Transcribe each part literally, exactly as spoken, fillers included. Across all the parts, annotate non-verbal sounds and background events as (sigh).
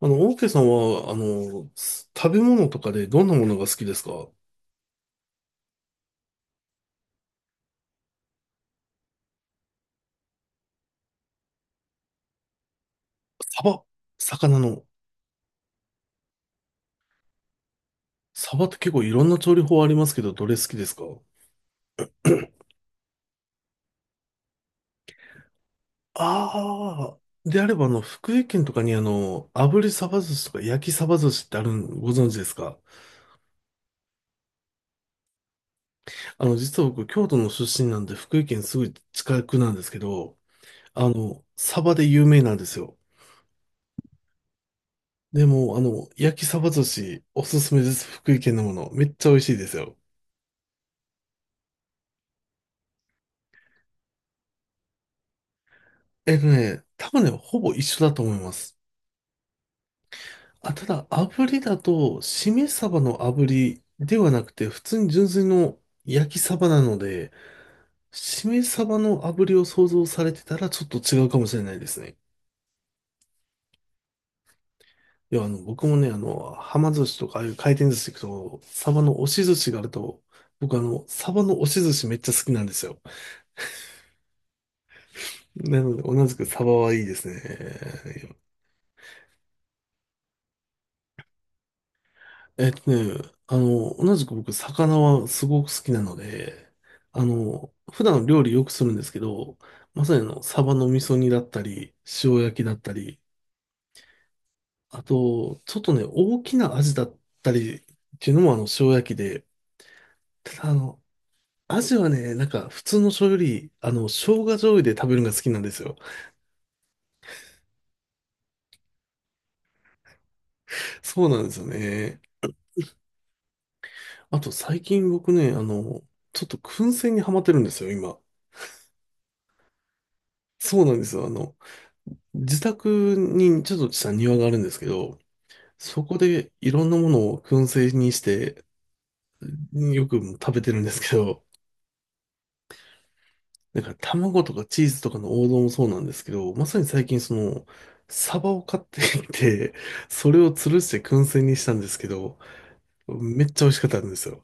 あの、オーケーさんは、あの、食べ物とかでどんなものが好きですか？サバ、魚の。サバって結構いろんな調理法ありますけど、どれ好きですか？ああー、であれば、あの、福井県とかにあの、炙りサバ寿司とか焼きサバ寿司ってあるん、ご存知ですか？あの、実は僕、京都の出身なんで、福井県すぐ近くなんですけど、あの、サバで有名なんですよ。でも、あの、焼きサバ寿司、おすすめです。福井県のもの。めっちゃ美味しいですよ。えっとね、多分ね、ほぼ一緒だと思います。あ、ただ、炙りだと、しめ鯖の炙りではなくて、普通に純粋の焼き鯖なので、しめ鯖の炙りを想像されてたらちょっと違うかもしれないですね。いや、あの、僕もね、あの、はま寿司とか、ああいう回転寿司行くと、鯖の押し寿司があると、僕あの、鯖の押し寿司めっちゃ好きなんですよ。なので、同じく鯖はいいですね。えっとね、あの、同じく僕、魚はすごく好きなので、あの、普段料理よくするんですけど、まさにあの、サバの味噌煮だったり、塩焼きだったり、あと、ちょっとね、大きなアジだったりっていうのもあの、塩焼きで、ただあの、アジはね、なんか普通の醤油より、あの、生姜醤油で食べるのが好きなんですよ。(laughs) そうなんですよね。あと、最近僕ね、あの、ちょっと燻製にハマってるんですよ、今。そうなんですよ。あの、自宅にちょっとした庭があるんですけど、そこでいろんなものを燻製にして、よく食べてるんですけど、なんか卵とかチーズとかの王道もそうなんですけど、まさに最近その、サバを買ってきて、それを吊るして燻製にしたんですけど、めっちゃ美味しかったんですよ。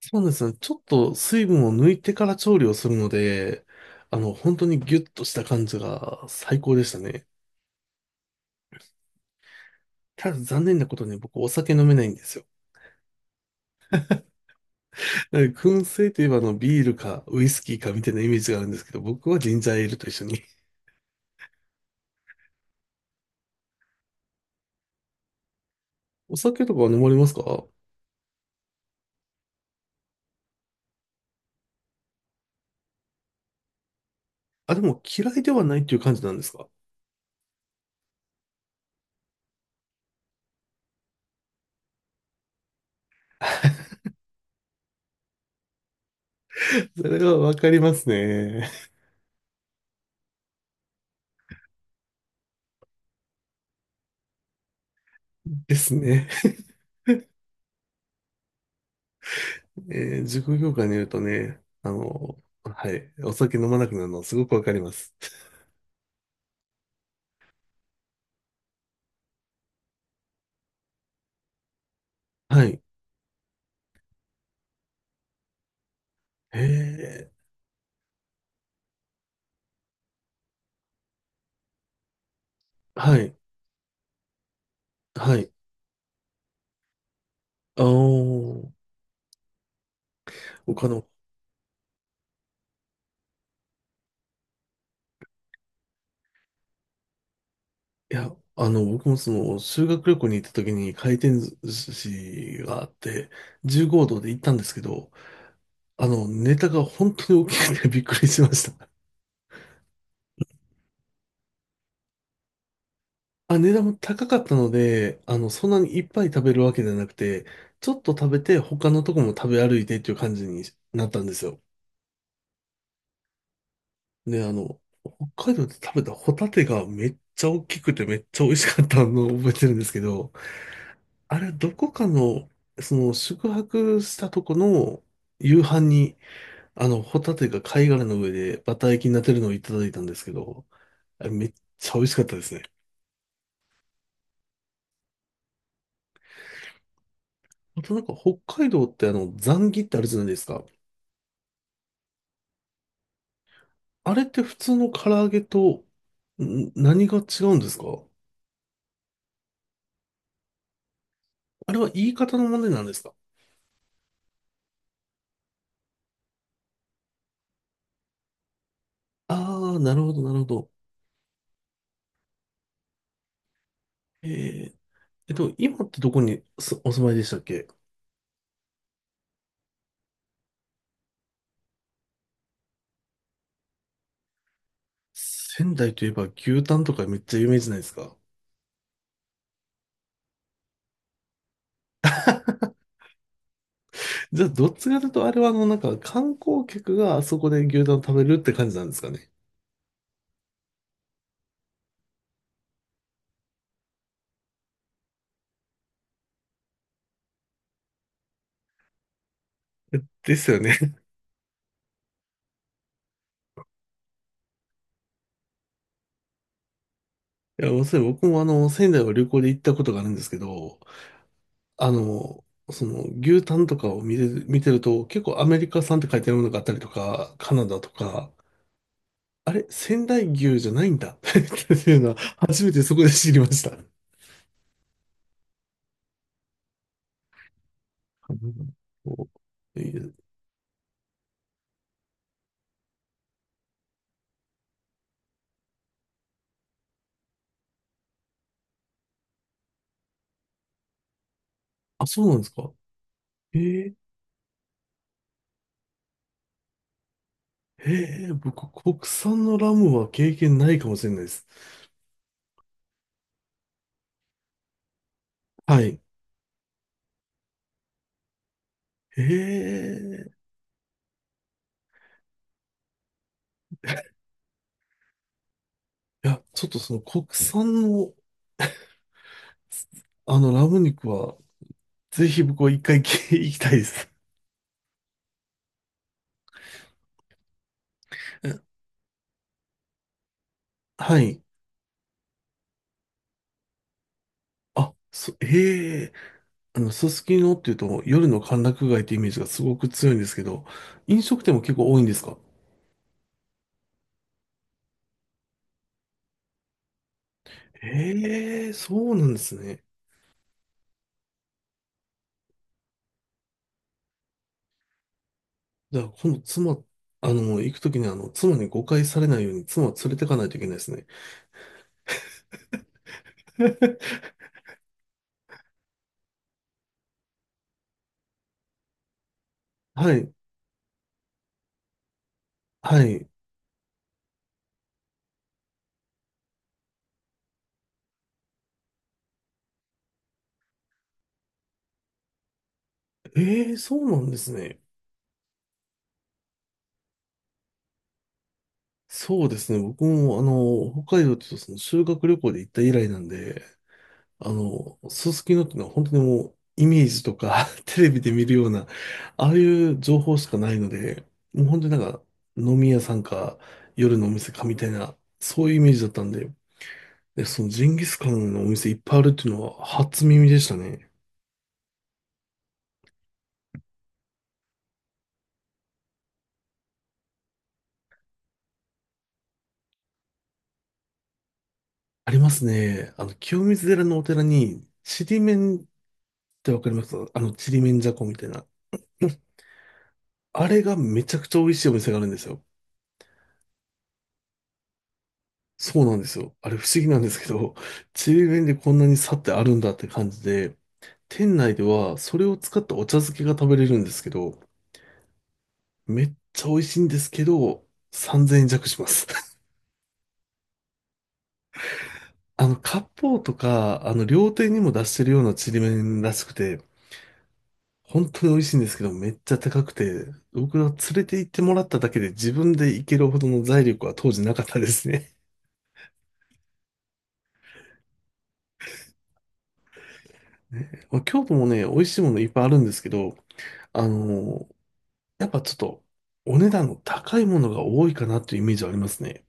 そうなんですね。ちょっと水分を抜いてから調理をするので、あの、本当にギュッとした感じが最高でしたね。ただ残念なことに僕お酒飲めないんですよ。えー燻製といえばあのビールかウイスキーかみたいなイメージがあるんですけど、僕はジンジャーエールと一緒に。(laughs) お酒とかは飲まれますか？あ、でも嫌いではないっていう感じなんですか？ (laughs) それはわかりますね。ですね。(laughs) えー、塾業界にいるとね、あの、はい、お酒飲まなくなるのすごくわかります。はい。へえ、はい、はい。あお、僕あの、いや、あの、僕もその、修学旅行に行った時に回転寿司があって、じゅうごどで行ったんですけど、あの、ネタが本当に大きくて (laughs) びっくりしました。あ、値段も高かったので、あの、そんなにいっぱい食べるわけじゃなくて、ちょっと食べて他のとこも食べ歩いてっていう感じになったんですよ。で、あの、北海道で食べたホタテがめっちゃ大きくてめっちゃ美味しかったのを覚えてるんですけど、あれ、どこかの、その、宿泊したとこの夕飯にあの、ホタテが貝殻の上でバター焼きになってるのをいただいたんですけど、あれめっちゃ美味しかったですね。あとなんか北海道ってあの、ザンギってあるじゃないですか。あれって普通の唐揚げと、ん何が違うんですか？あれは言い方の問題なんですか？ああー、なるほど、なるほど。えー、えっと、今ってどこにすお住まいでしたっけ？仙台といえば牛タンとかめっちゃ有名じゃないですか。じゃあ、どっちかというと、あれはあの、なんか観光客があそこで牛タン食べるって感じなんですかね。ですよね。いや、まさ僕もあの、仙台を旅行で行ったことがあるんですけど、あの、その、牛タンとかを見てる、見てると、結構アメリカ産って書いてあるものがあったりとか、カナダとか、あれ、仙台牛じゃないんだ (laughs) っていうのは、初めてそこで知りました。うん、そういいあ、そうなんですか？えー、えー、僕、国産のラムは経験ないかもしれないです。はい。ええ、いや、ちょっとその国産の、あの、ラム肉は、ぜひ僕は一回き (laughs) 行きたいです。うん、はい。あ、そ、へえ、あの、すすきのっていうと夜の歓楽街ってイメージがすごく強いんですけど、飲食店も結構多いんですか？へえ、そうなんですね。じゃあ、今度妻、あの、行くときにあの、妻に誤解されないように妻を連れてかないといけないですね。はい、はい。ええ、そうなんですね。そうですね。僕も、あの、北海道っていうとその修学旅行で行った以来なんで、あの、すすきのっていうのは本当にもうイメージとか (laughs) テレビで見るような、ああいう情報しかないので、もう本当になんか飲み屋さんか夜のお店かみたいな、そういうイメージだったんで、で、そのジンギスカンのお店いっぱいあるっていうのは初耳でしたね。ありますね。あの、清水寺のお寺に、ちりめんってわかります？あの、ちりめんじゃこみたいな。うん、あれがめちゃくちゃ美味しいお店があるんですよ。そうなんですよ。あれ不思議なんですけど、ちりめんでこんなに差ってあるんだって感じで、店内ではそれを使ったお茶漬けが食べれるんですけど、めっちゃ美味しいんですけど、さんぜんえん弱します。(laughs) あの、割烹とか、あの、料亭にも出してるようなちりめんらしくて、本当に美味しいんですけど、めっちゃ高くて、僕は連れて行ってもらっただけで自分で行けるほどの財力は当時なかったですね。(laughs) ねまあ京都もね、美味しいものいっぱいあるんですけど、あのやっぱちょっと、お値段の高いものが多いかなというイメージはありますね。